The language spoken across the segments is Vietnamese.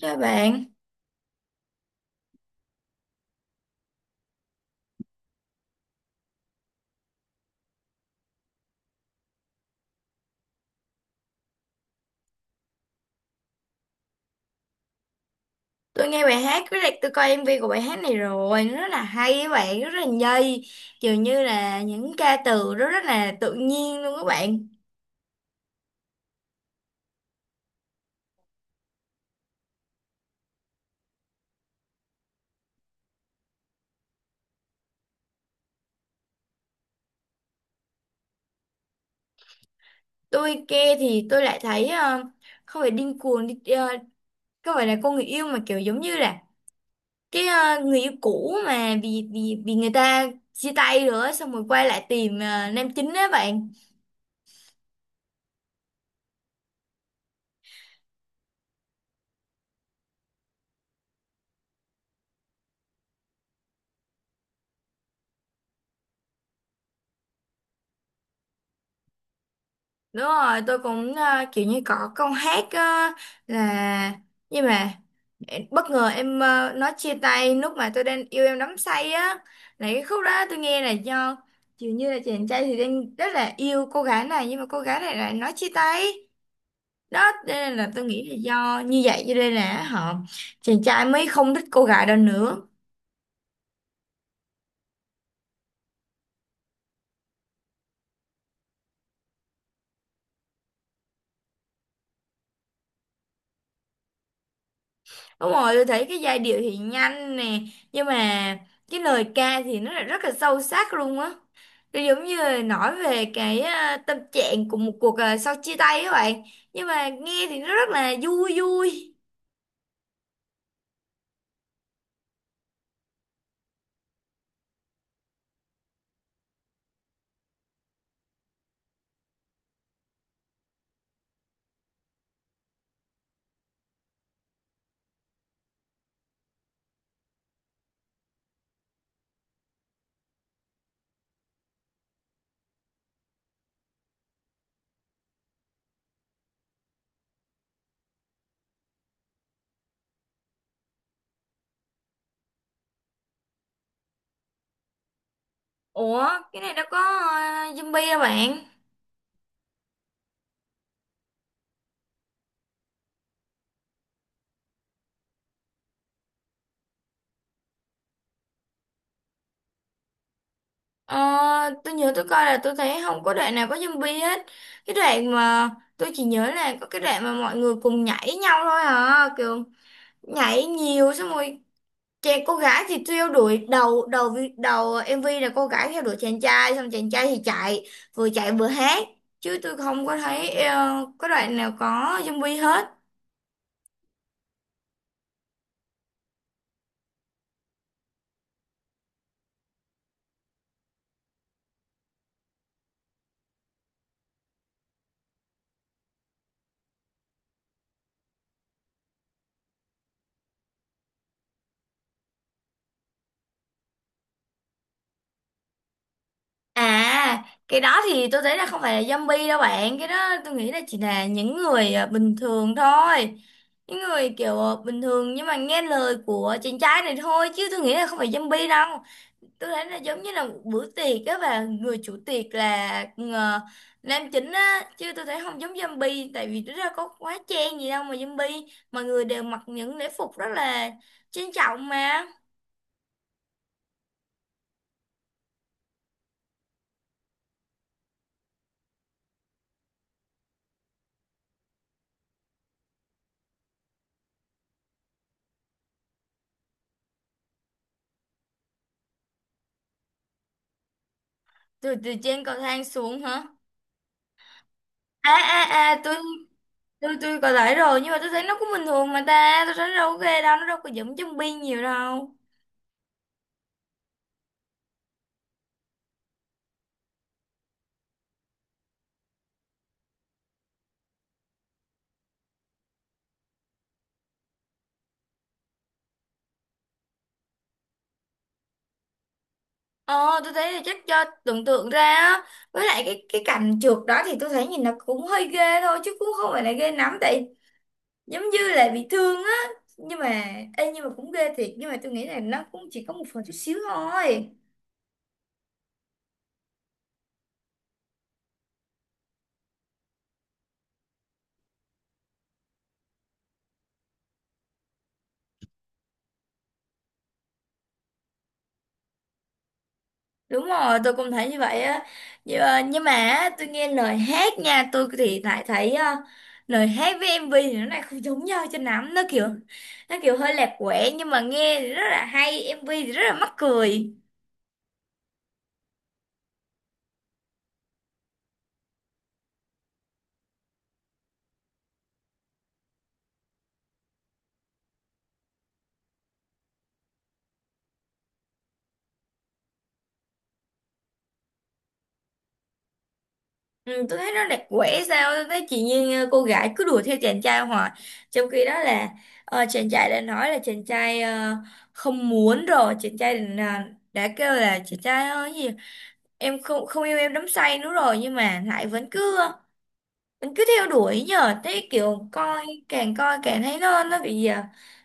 Chào bạn, tôi nghe bài hát với lại tôi coi MV của bài hát này rồi, nó rất là hay các bạn, rất là nhây, dường như là những ca từ đó rất là tự nhiên luôn các bạn. Tôi nghe thì tôi lại thấy không phải điên cuồng, không phải là cô người yêu mà kiểu giống như là cái người yêu cũ mà vì vì vì người ta chia tay rồi, xong rồi quay lại tìm nam chính đó bạn. Đúng rồi, tôi cũng kiểu như có câu hát là nhưng mà bất ngờ em nói chia tay lúc mà tôi đang yêu em đắm say á, là cái khúc đó tôi nghe là do dường như là chàng trai thì đang rất là yêu cô gái này, nhưng mà cô gái này lại nói chia tay đó, cho nên là tôi nghĩ là do như vậy cho nên là họ, chàng trai mới không thích cô gái đó nữa. Đúng rồi, tôi thấy cái giai điệu thì nhanh nè, nhưng mà cái lời ca thì nó lại rất là sâu sắc luôn á. Nó giống như là nói về cái tâm trạng của một cuộc sau chia tay các bạn. Nhưng mà nghe thì nó rất là vui vui. Ủa, cái này nó có zombie hả bạn? Ờ, tôi nhớ tôi coi là tôi thấy không có đoạn nào có zombie hết. Cái đoạn mà tôi chỉ nhớ là có cái đoạn mà mọi người cùng nhảy nhau thôi à, kiểu nhảy nhiều xong rồi chàng cô gái thì theo đuổi đầu đầu vi- đầu ờ, em MV là cô gái theo đuổi chàng trai, xong chàng trai thì chạy, vừa chạy vừa hát, chứ tôi không có thấy có đoạn nào có zombie hết. À, cái đó thì tôi thấy là không phải là zombie đâu bạn, cái đó tôi nghĩ là chỉ là những người bình thường thôi, những người kiểu bình thường nhưng mà nghe lời của chàng trai này thôi, chứ tôi nghĩ là không phải zombie đâu. Tôi thấy là giống như là một bữa tiệc á, và người chủ tiệc là ờ, nam chính á, chứ tôi thấy không giống zombie, tại vì nó ra có quá chen gì đâu mà zombie, mọi người đều mặc những lễ phục rất là trang trọng mà. Từ từ trên cầu thang xuống hả? À à à, tôi tôi có lại rồi, nhưng mà tôi thấy nó cũng bình thường mà ta, tôi thấy nó đâu có ghê đâu, nó đâu có giống zombie nhiều đâu. Ờ, tôi thấy là chắc cho tưởng tượng ra á, với lại cái cảnh trượt đó thì tôi thấy nhìn nó cũng hơi ghê thôi chứ cũng không phải là ghê lắm, tại giống như là bị thương á. Nhưng mà ê, nhưng mà cũng ghê thiệt, nhưng mà tôi nghĩ là nó cũng chỉ có một phần chút xíu thôi. Đúng rồi, tôi cũng thấy như vậy á. Nhưng, nhưng mà á, tôi nghe lời hát nha, tôi thì lại thấy lời hát với MV thì nó lại không giống nhau cho lắm, nó kiểu hơi lạc quẻ, nhưng mà nghe thì rất là hay, MV thì rất là mắc cười. Ừ, tôi thấy nó đẹp quẻ sao, tôi thấy chị Nhiên cô gái cứ đuổi theo chàng trai hoài, trong khi đó là chàng trai đã nói là chàng trai không muốn rồi, chàng trai đã kêu là chàng trai ơi gì em không không yêu em đắm say nữa rồi, nhưng mà lại vẫn cứ vẫn cứ theo đuổi, nhờ thấy kiểu coi càng thấy nó bị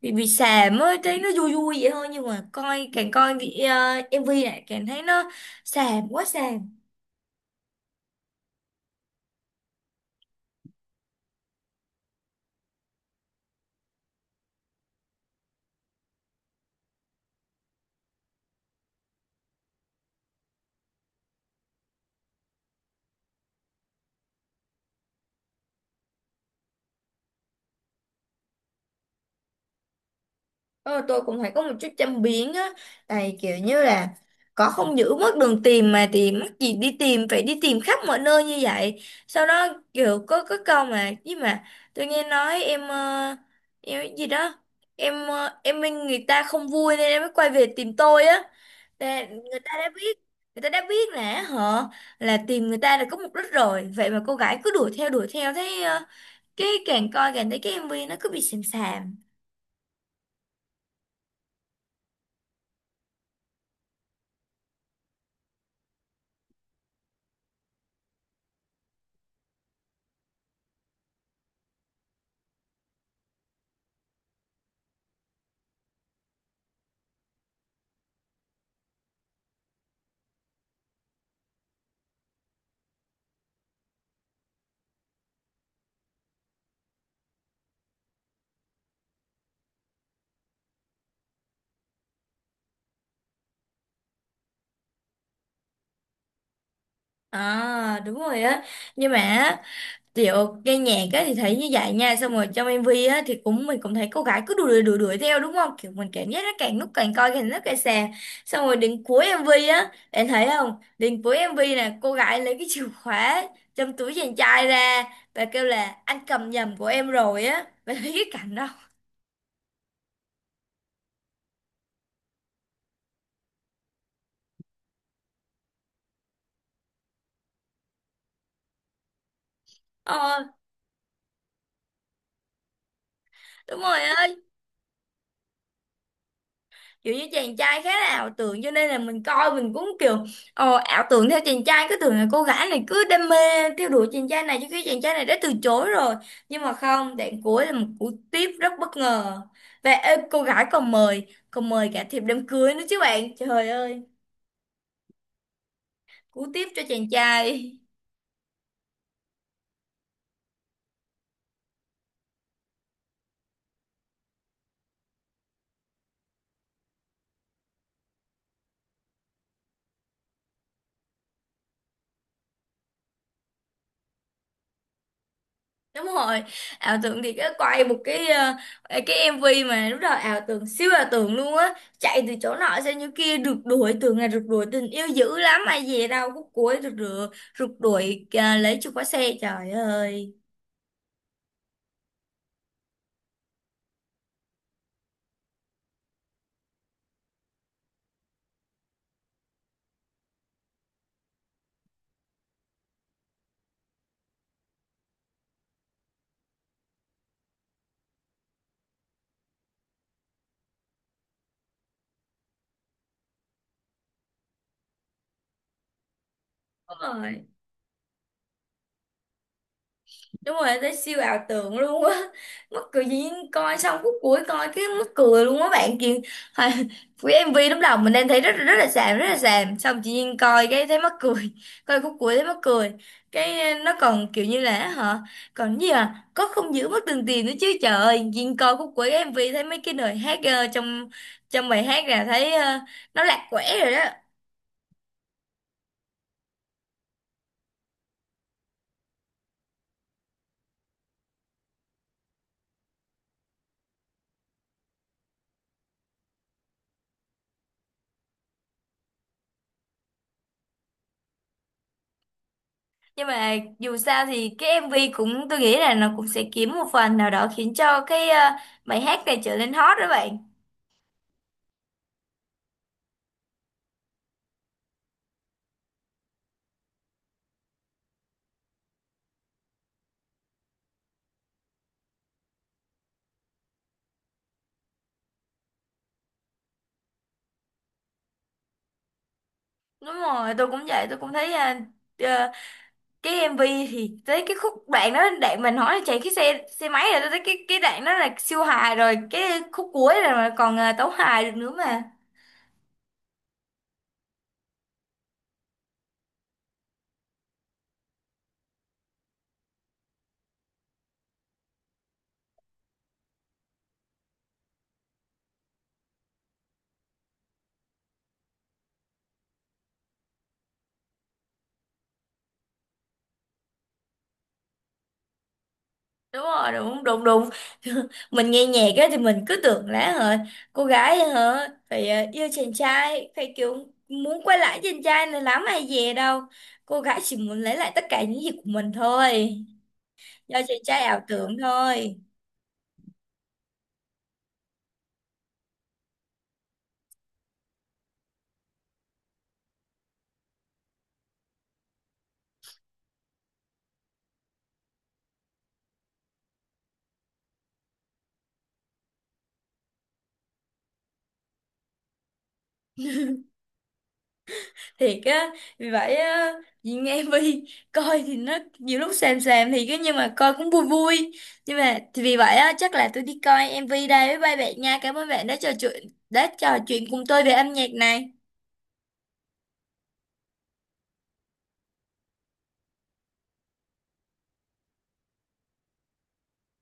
bị xàm ấy, thấy nó vui vui vậy thôi, nhưng mà coi càng coi bị, MV này càng thấy nó xàm quá xàm. Ờ, tôi cũng phải có một chút châm biếm á, tại kiểu như là có không giữ mất đường tìm mà thì mắc gì đi tìm, phải đi tìm khắp mọi nơi như vậy. Sau đó kiểu có câu mà chứ mà tôi nghe nói em em gì đó, em em minh người ta không vui nên em mới quay về tìm tôi á. Là người ta đã biết, người ta đã biết là họ, là tìm người ta là có mục đích rồi, vậy mà cô gái cứ đuổi theo thấy cái càng coi càng thấy cái MV nó cứ bị xàm xàm. À đúng rồi á. Nhưng mà á, kiểu nghe nhạc á thì thấy như vậy nha. Xong rồi trong MV á thì cũng mình cũng thấy cô gái cứ đuổi đuổi đuổi đuổi theo đúng không? Kiểu mình cảm giác nó càng lúc càng coi càng lúc càng xà. Xong rồi đến cuối MV á, bạn thấy không? Đến cuối MV nè, cô gái lấy cái chìa khóa trong túi chàng trai ra, và kêu là anh cầm nhầm của em rồi á. Bạn thấy cái cảnh đó. Ờ, đúng rồi á, kiểu như chàng trai khá là ảo tưởng, cho nên là mình coi mình cũng kiểu ảo tưởng theo chàng trai, cứ tưởng là cô gái này cứ đam mê theo đuổi chàng trai này, chứ khi chàng trai này đã từ chối rồi. Nhưng mà không, đoạn cuối là một cú tiếp rất bất ngờ, và ê, cô gái còn mời, còn mời cả thiệp đám cưới nữa chứ bạn, trời ơi, cú tiếp cho chàng trai. Đúng rồi, ảo tưởng thì cái quay một cái cái MV mà lúc đầu ảo tưởng, siêu ảo tưởng luôn á, chạy từ chỗ nọ sang chỗ kia rượt đuổi, tưởng là rượt đuổi tình yêu dữ lắm, mà về đâu khúc cuối rượt rượt rượt đuổi lấy chìa khóa xe, trời ơi. Đúng rồi, đúng rồi, tới siêu ảo tưởng luôn á mắc cười gì, coi xong khúc cuối coi cái mắc cười luôn á bạn kia. Hồi- cái MV lúc đầu mình đang thấy rất rất là xàm, rất là xàm, xong chị Duyên coi cái thấy mắc cười coi khúc cuối thấy mắc cười cái nó còn kiểu như là hả còn gì à, có không giữ mất từng tiền nữa chứ, trời ơi, Duyên coi khúc cuối cái MV thấy mấy cái lời hát trong trong bài hát là thấy nó lạc quẻ rồi đó. Nhưng mà dù sao thì cái MV cũng, tôi nghĩ là nó cũng sẽ kiếm một phần nào đó khiến cho cái bài hát này trở nên hot đó bạn. Đúng rồi, tôi cũng vậy, tôi cũng thấy ờ, cái MV thì tới cái khúc đoạn đó, đoạn mình hỏi là chạy cái xe xe máy rồi, tôi thấy cái đoạn đó là siêu hài rồi, cái khúc cuối rồi mà còn tấu hài được nữa mà. Đúng rồi, đúng đúng đúng mình nghe nhạc á thì mình cứ tưởng là hả cô gái hả phải yêu chàng trai, phải kiểu muốn quay lại chàng trai này lắm hay gì đâu, cô gái chỉ muốn lấy lại tất cả những gì của mình thôi, do chàng trai ảo tưởng thôi. Thiệt á, vì vậy á, nhìn nghe Vi coi thì nó nhiều lúc xàm xàm thì cái, nhưng mà coi cũng vui vui. Nhưng mà thì vì vậy á, chắc là tôi đi coi MV đây với ba bạn nha, cảm ơn bạn đã trò chuyện, đã trò chuyện cùng tôi về âm nhạc này.